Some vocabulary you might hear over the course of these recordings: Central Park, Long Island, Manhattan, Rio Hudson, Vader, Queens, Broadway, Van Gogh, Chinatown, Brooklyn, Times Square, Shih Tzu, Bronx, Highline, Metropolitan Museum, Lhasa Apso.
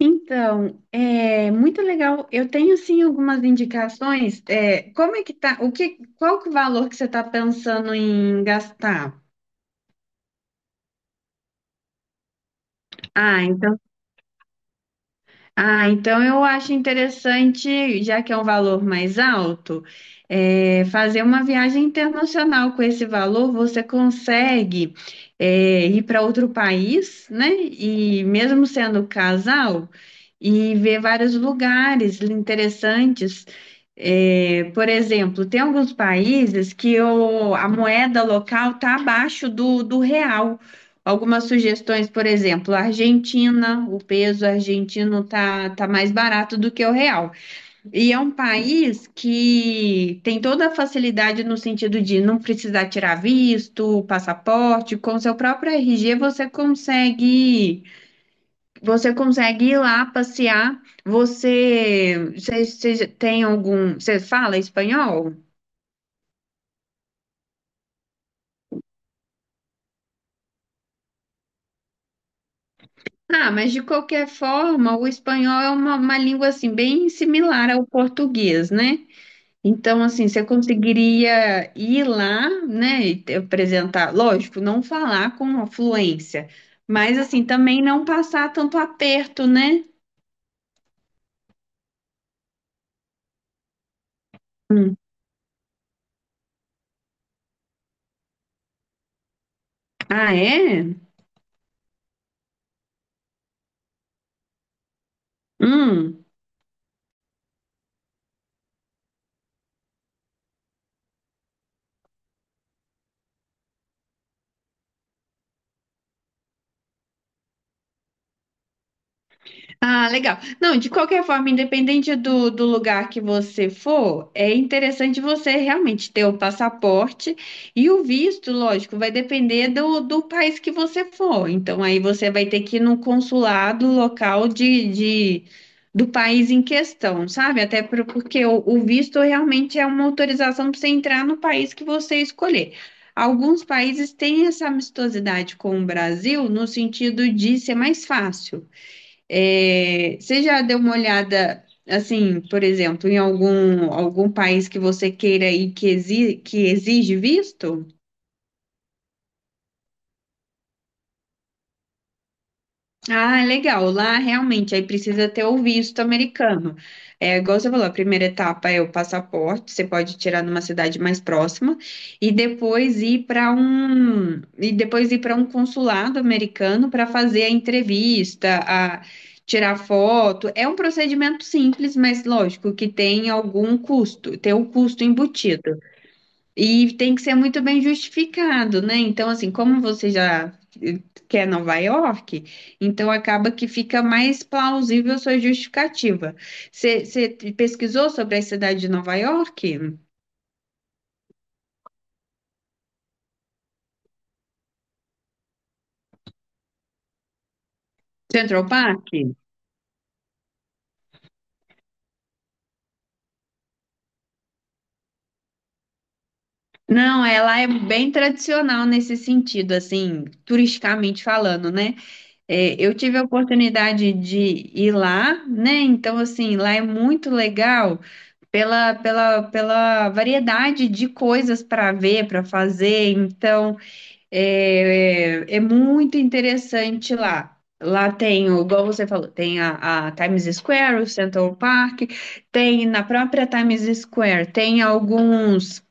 Então, é muito legal. Eu tenho sim algumas indicações. Como é que tá? Qual que é o valor que você está pensando em gastar? Ah, então Ah, então eu acho interessante, já que é um valor mais alto, fazer uma viagem internacional com esse valor. Ir para outro país, né? E mesmo sendo casal, e ver vários lugares interessantes. É, por exemplo, tem alguns países que a moeda local está abaixo do real. Algumas sugestões, por exemplo, a Argentina, o peso argentino tá mais barato do que o real. E é um país que tem toda a facilidade no sentido de não precisar tirar visto, passaporte, com seu próprio RG você consegue ir lá passear. Você tem algum, você fala espanhol? Ah, mas de qualquer forma, o espanhol é uma língua assim bem similar ao português, né? Então, assim, você conseguiria ir lá, né, e apresentar, lógico, não falar com fluência, mas assim, também não passar tanto aperto, né? Ah, é? Hum. Ah, legal. Não, de qualquer forma, independente do lugar que você for, é interessante você realmente ter o passaporte e o visto, lógico, vai depender do país que você for. Então, aí você vai ter que ir no consulado local do país em questão, sabe? Porque o visto realmente é uma autorização para você entrar no país que você escolher. Alguns países têm essa amistosidade com o Brasil no sentido de ser mais fácil. É, você já deu uma olhada, assim, por exemplo, em algum país que você queira ir que que exige visto? Ah, legal. Lá realmente aí precisa ter o visto americano. É, igual você falou, a primeira etapa é o passaporte, você pode tirar numa cidade mais próxima e depois ir para um consulado americano para fazer a entrevista, a tirar foto. É um procedimento simples, mas lógico que tem algum custo, tem um custo embutido. E tem que ser muito bem justificado, né? Então, assim, como você já eh, quer Nova York, então acaba que fica mais plausível a sua justificativa. Você pesquisou sobre a cidade de Nova York? Central Park? Não, ela é bem tradicional nesse sentido, assim, turisticamente falando, né? É, eu tive a oportunidade de ir lá, né? Então, assim, lá é muito legal pela variedade de coisas para ver, para fazer. Então, é muito interessante lá. Lá tem, igual você falou, tem a Times Square, o Central Park, tem na própria Times Square, tem alguns.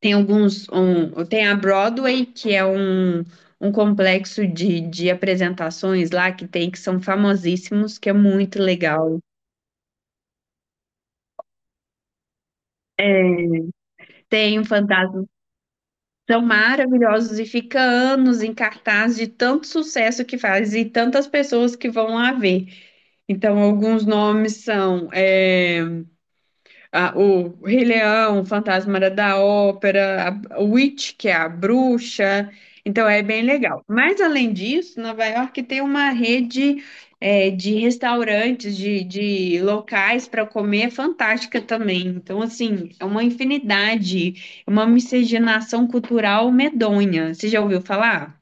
Tem alguns. Tem a Broadway, que é um, um complexo de apresentações lá que tem, que são famosíssimos, que é muito legal. Tem o Fantasma. São maravilhosos e fica anos em cartaz de tanto sucesso que faz e tantas pessoas que vão lá ver. Então, alguns nomes são. O Rei Leão, o Fantasma da Ópera, a Witch, que é a bruxa. Então é bem legal. Mas além disso, Nova York tem uma rede de restaurantes, de locais para comer fantástica também. Então, assim, é uma infinidade, é uma miscigenação cultural medonha. Você já ouviu falar?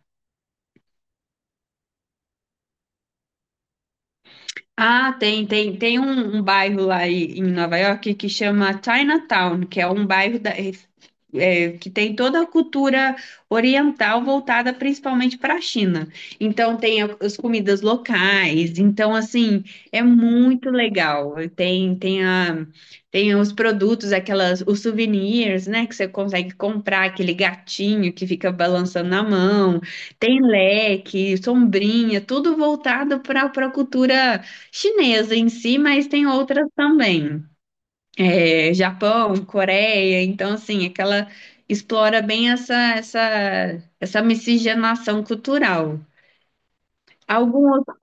Ah, tem um, um bairro lá em Nova York que chama Chinatown, que é um bairro que tem toda a cultura oriental voltada principalmente para a China. Então tem as comidas locais, então assim, é muito legal. Tem os produtos, aquelas, os souvenirs, né, que você consegue comprar, aquele gatinho que fica balançando na mão, tem leque, sombrinha, tudo voltado para a cultura chinesa em si, mas tem outras também. É, Japão, Coreia, então assim, aquela explora bem essa miscigenação cultural. Algum outro...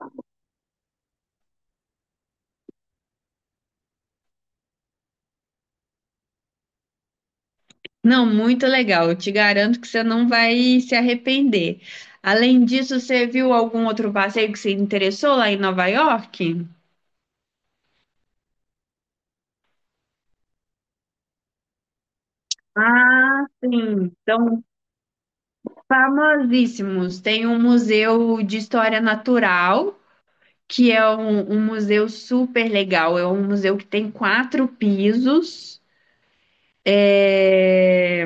Não, muito legal. Eu te garanto que você não vai se arrepender. Além disso, você viu algum outro passeio que se interessou lá em Nova York? Ah, sim. São famosíssimos. Tem um museu de história natural que é um museu super legal. É um museu que tem quatro pisos. é,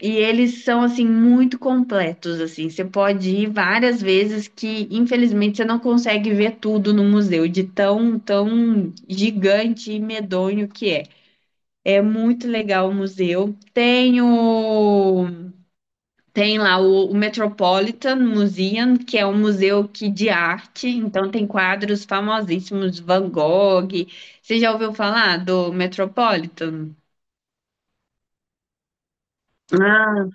E eles são assim muito completos assim. Você pode ir várias vezes que infelizmente você não consegue ver tudo no museu de tão gigante e medonho que é. É muito legal o museu. Tem o tem lá o, O Metropolitan Museum, que é um museu que, de arte, então tem quadros famosíssimos de Van Gogh. Você já ouviu falar do Metropolitan? Ah,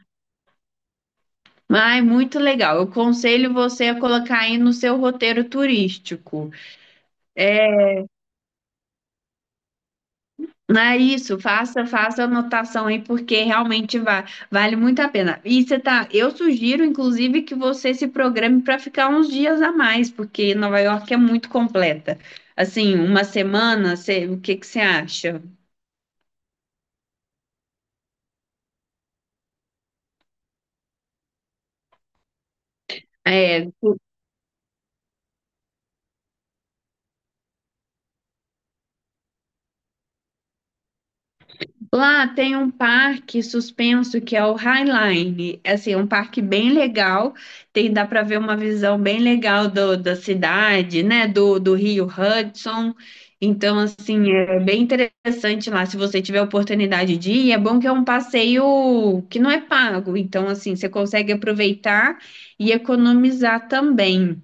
ai, muito legal. Eu aconselho você a colocar aí no seu roteiro turístico. Não é isso, faça a anotação aí, porque realmente vale muito a pena. E você tá, eu sugiro, inclusive, que você se programe para ficar uns dias a mais, porque Nova York é muito completa. Assim, uma semana, o que que você acha? É, Lá tem um parque suspenso que é o Highline. É assim, um parque bem legal. Tem, dá para ver uma visão bem legal da cidade, né? Do Rio Hudson. Então, assim, é bem interessante lá. Se você tiver oportunidade de ir, é bom que é um passeio que não é pago. Então, assim, você consegue aproveitar e economizar também.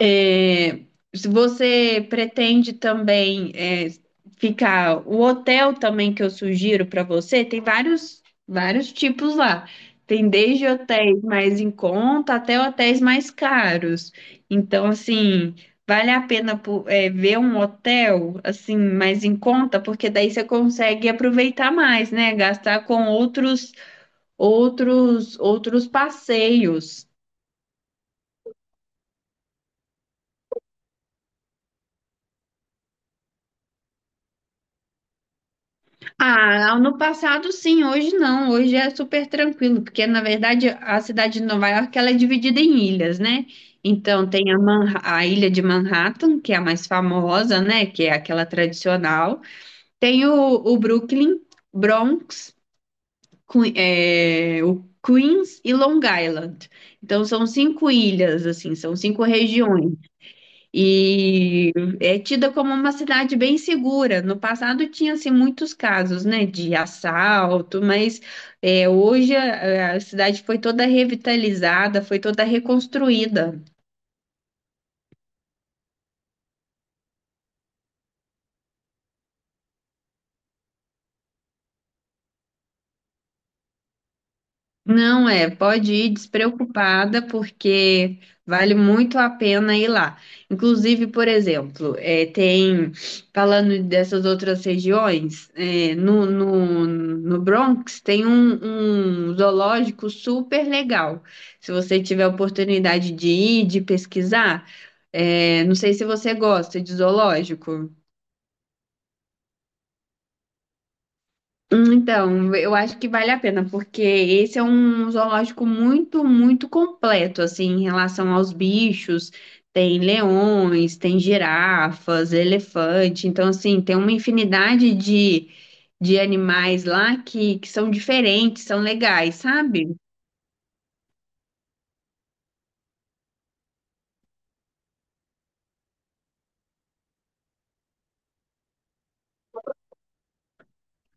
É, se você pretende também ficar, o hotel também que eu sugiro para você, tem vários tipos lá. Tem desde hotéis mais em conta até hotéis mais caros. Então, assim, vale a pena ver um hotel assim mais em conta, porque daí você consegue aproveitar mais, né? Gastar com outros passeios. Ah, no passado sim, hoje não. Hoje é super tranquilo, porque na verdade a cidade de Nova York ela é dividida em ilhas, né? Então tem a ilha de Manhattan, que é a mais famosa, né? Que é aquela tradicional. Tem o Brooklyn, Bronx, o Queens e Long Island. Então são cinco ilhas, assim, são cinco regiões. E é tida como uma cidade bem segura. No passado tinha-se muitos casos, né, de assalto, mas hoje a cidade foi toda revitalizada, foi toda reconstruída. Não é, pode ir despreocupada, porque vale muito a pena ir lá. Inclusive, por exemplo, falando dessas outras regiões, no Bronx tem um, um zoológico super legal. Se você tiver a oportunidade de ir, de pesquisar, não sei se você gosta de zoológico. Hum. Então, eu acho que vale a pena, porque esse é um zoológico muito completo, assim, em relação aos bichos. Tem leões, tem girafas, elefante. Então, assim, tem uma infinidade de animais lá que são diferentes, são legais, sabe?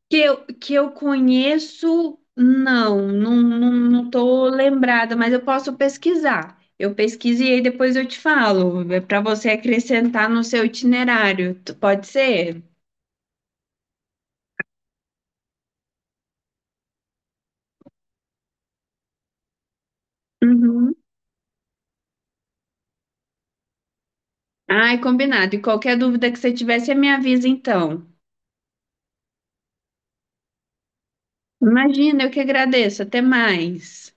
Que eu conheço, não, não, não, não tô lembrada, mas eu posso pesquisar. Eu pesquiso e aí depois eu te falo, é para você acrescentar no seu itinerário, pode ser? Uhum. Ai, combinado. E qualquer dúvida que você tiver, você me avisa então. Imagina, eu que agradeço. Até mais.